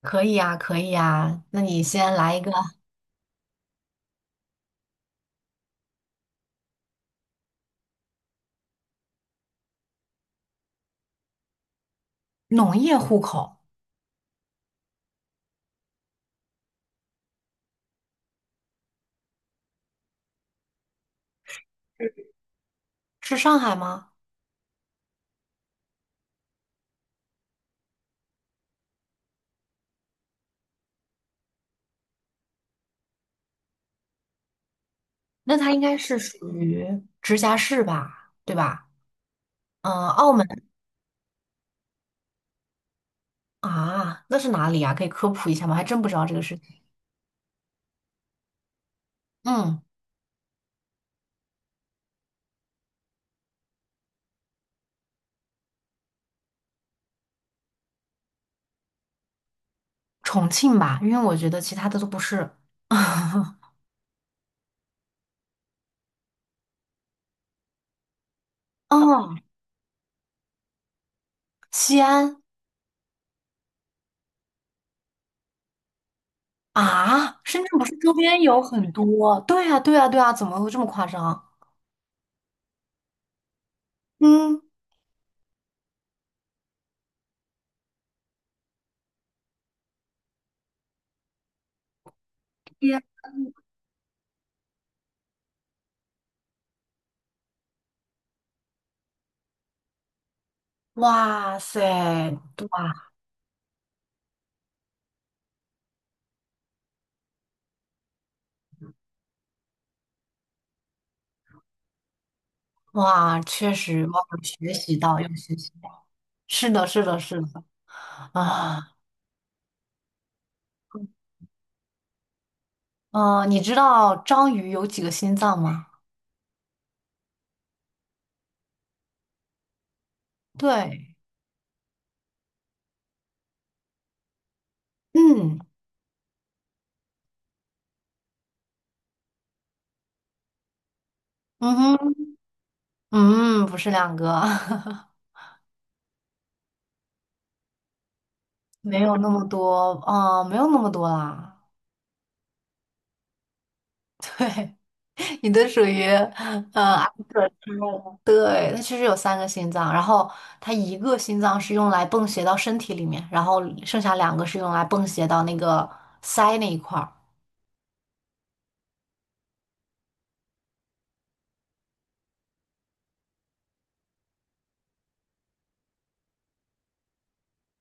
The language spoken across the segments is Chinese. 可以呀，可以呀。那你先来一个农业户口，是上海吗？那它应该是属于直辖市吧，对吧？嗯，澳门啊，那是哪里啊？可以科普一下吗？还真不知道这个事情。嗯，重庆吧，因为我觉得其他的都不是。哦，西安啊，深圳不是周边有很多？对呀，对呀，对呀，怎么会这么夸张？嗯，天哇塞，对哇，确实，哇，有学习到，有学习到。是的，是的，是的。啊，嗯，你知道章鱼有几个心脏吗？对，嗯，嗯哼，嗯，不是两个，没有那么多，啊，没有那么多啦。对，你的属于，阿克之类的对，它其实有三个心脏，然后它一个心脏是用来泵血到身体里面，然后剩下两个是用来泵血到那个鳃那一块儿。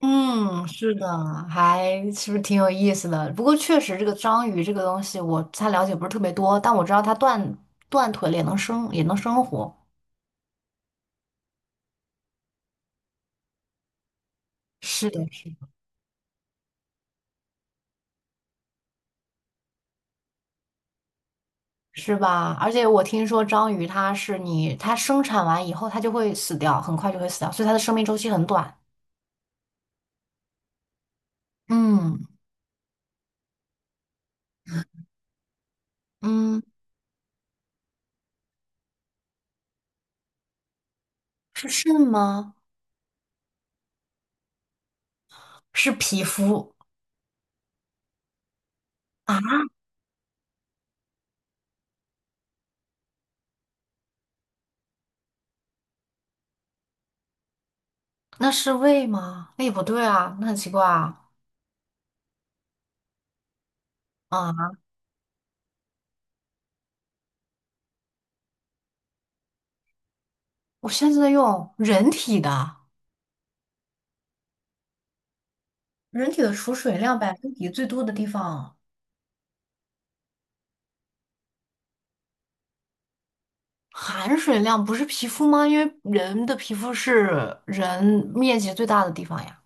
嗯，是的，还是不是挺有意思的？不过确实，这个章鱼这个东西，我它了解不是特别多，但我知道它断腿了也能生，也能生活。是的，是的，是吧？而且我听说章鱼它是你，它生产完以后它就会死掉，很快就会死掉，所以它的生命周期很短。嗯嗯，是肾吗？是皮肤啊？那是胃吗？那也不对啊，那很奇怪啊！啊，我现在在用人体的。人体的储水量百分比最多的地方，含水量不是皮肤吗？因为人的皮肤是人面积最大的地方呀。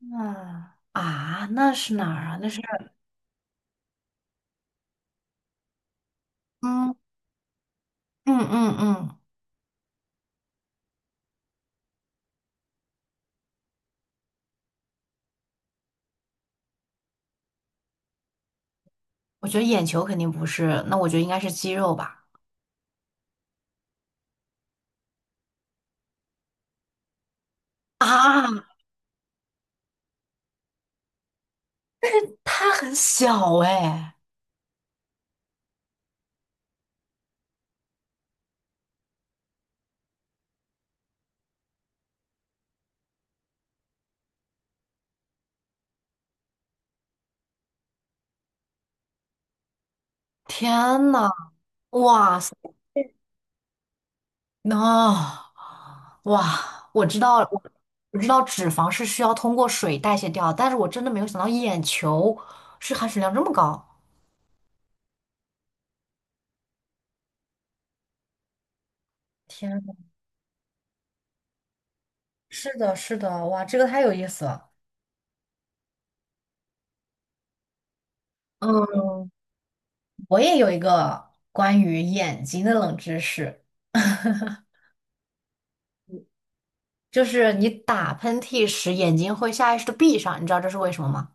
嗯啊，那是哪儿啊？那是嗯嗯，我觉得眼球肯定不是，那我觉得应该是肌肉吧。啊，它很小哎！天呐，哇哦，哇，我知道了我知道脂肪是需要通过水代谢掉，但是我真的没有想到眼球是含水量这么高。天呐，是的，是的，哇，这个太有意思了。嗯，我也有一个关于眼睛的冷知识，就是你打喷嚏时眼睛会下意识的闭上，你知道这是为什么吗？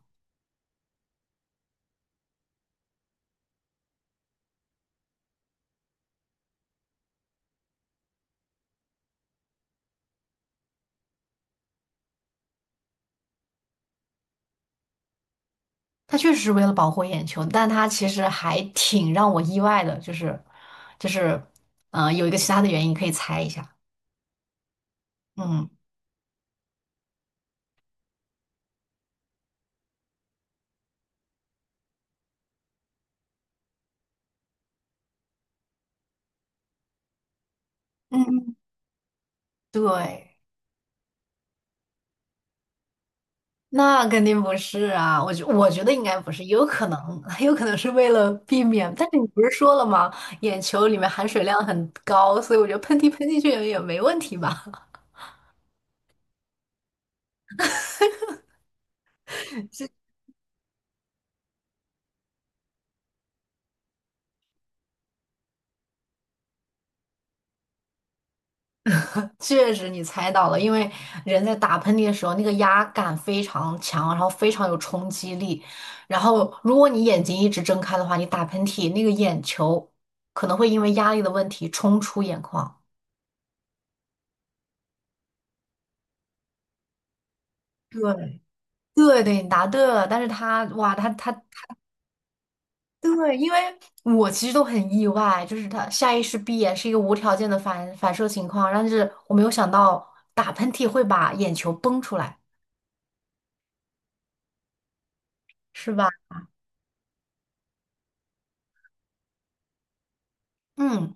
它确实是为了保护眼球，但它其实还挺让我意外的，就是，嗯、有一个其他的原因可以猜一下。嗯嗯，对，那肯定不是啊，我觉得应该不是，有可能，有可能是为了避免。但是你不是说了吗？眼球里面含水量很高，所以我觉得喷嚏喷进去也没问题吧？确实，你猜到了，因为人在打喷嚏的时候，那个压感非常强，然后非常有冲击力。然后，如果你眼睛一直睁开的话，你打喷嚏，那个眼球可能会因为压力的问题冲出眼眶。对，对对，你答对了，但是他哇，他对，因为我其实都很意外，就是他下意识闭眼是一个无条件的反射情况，但是我没有想到打喷嚏会把眼球崩出来，是吧？嗯，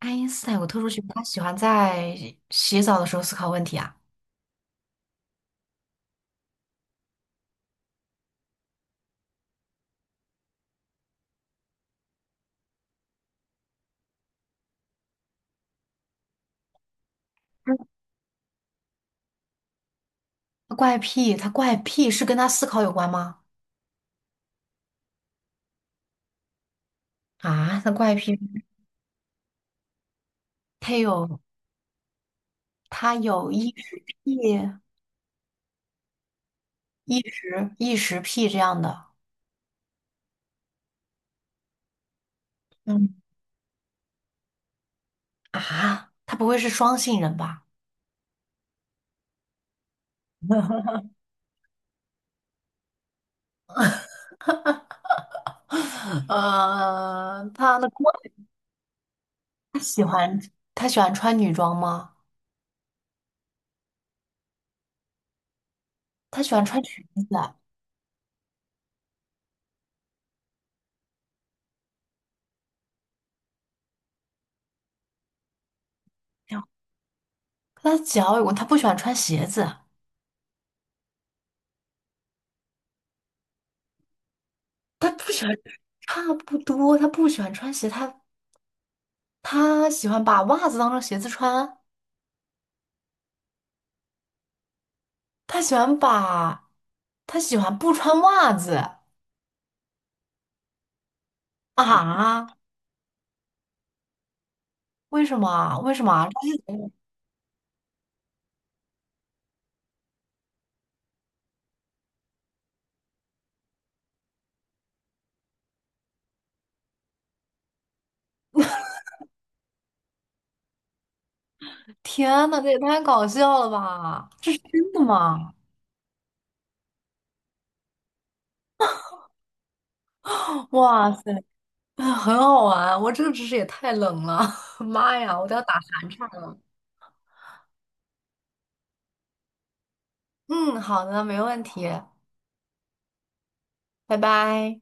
爱因斯坦有个特殊情况，他喜欢在洗澡的时候思考问题啊。他怪癖，他怪癖是跟他思考有关吗？啊，他怪癖，他有他有异食癖、异食癖这样的。嗯啊，他不会是双性人吧？他的锅他喜欢他喜欢穿女装吗？他喜欢穿裙子啊他的脚有问他不喜欢穿鞋子，他不喜欢，差不多，他不喜欢穿鞋，他他喜欢把袜子当成鞋子穿，他喜欢把，他喜欢不穿袜子啊？为什么啊这是天呐，这也太搞笑了吧！这是真的吗？哇塞！啊，很好玩。我这个知识也太冷了，妈呀，我都要打寒颤了。嗯，好的，没问题，拜拜。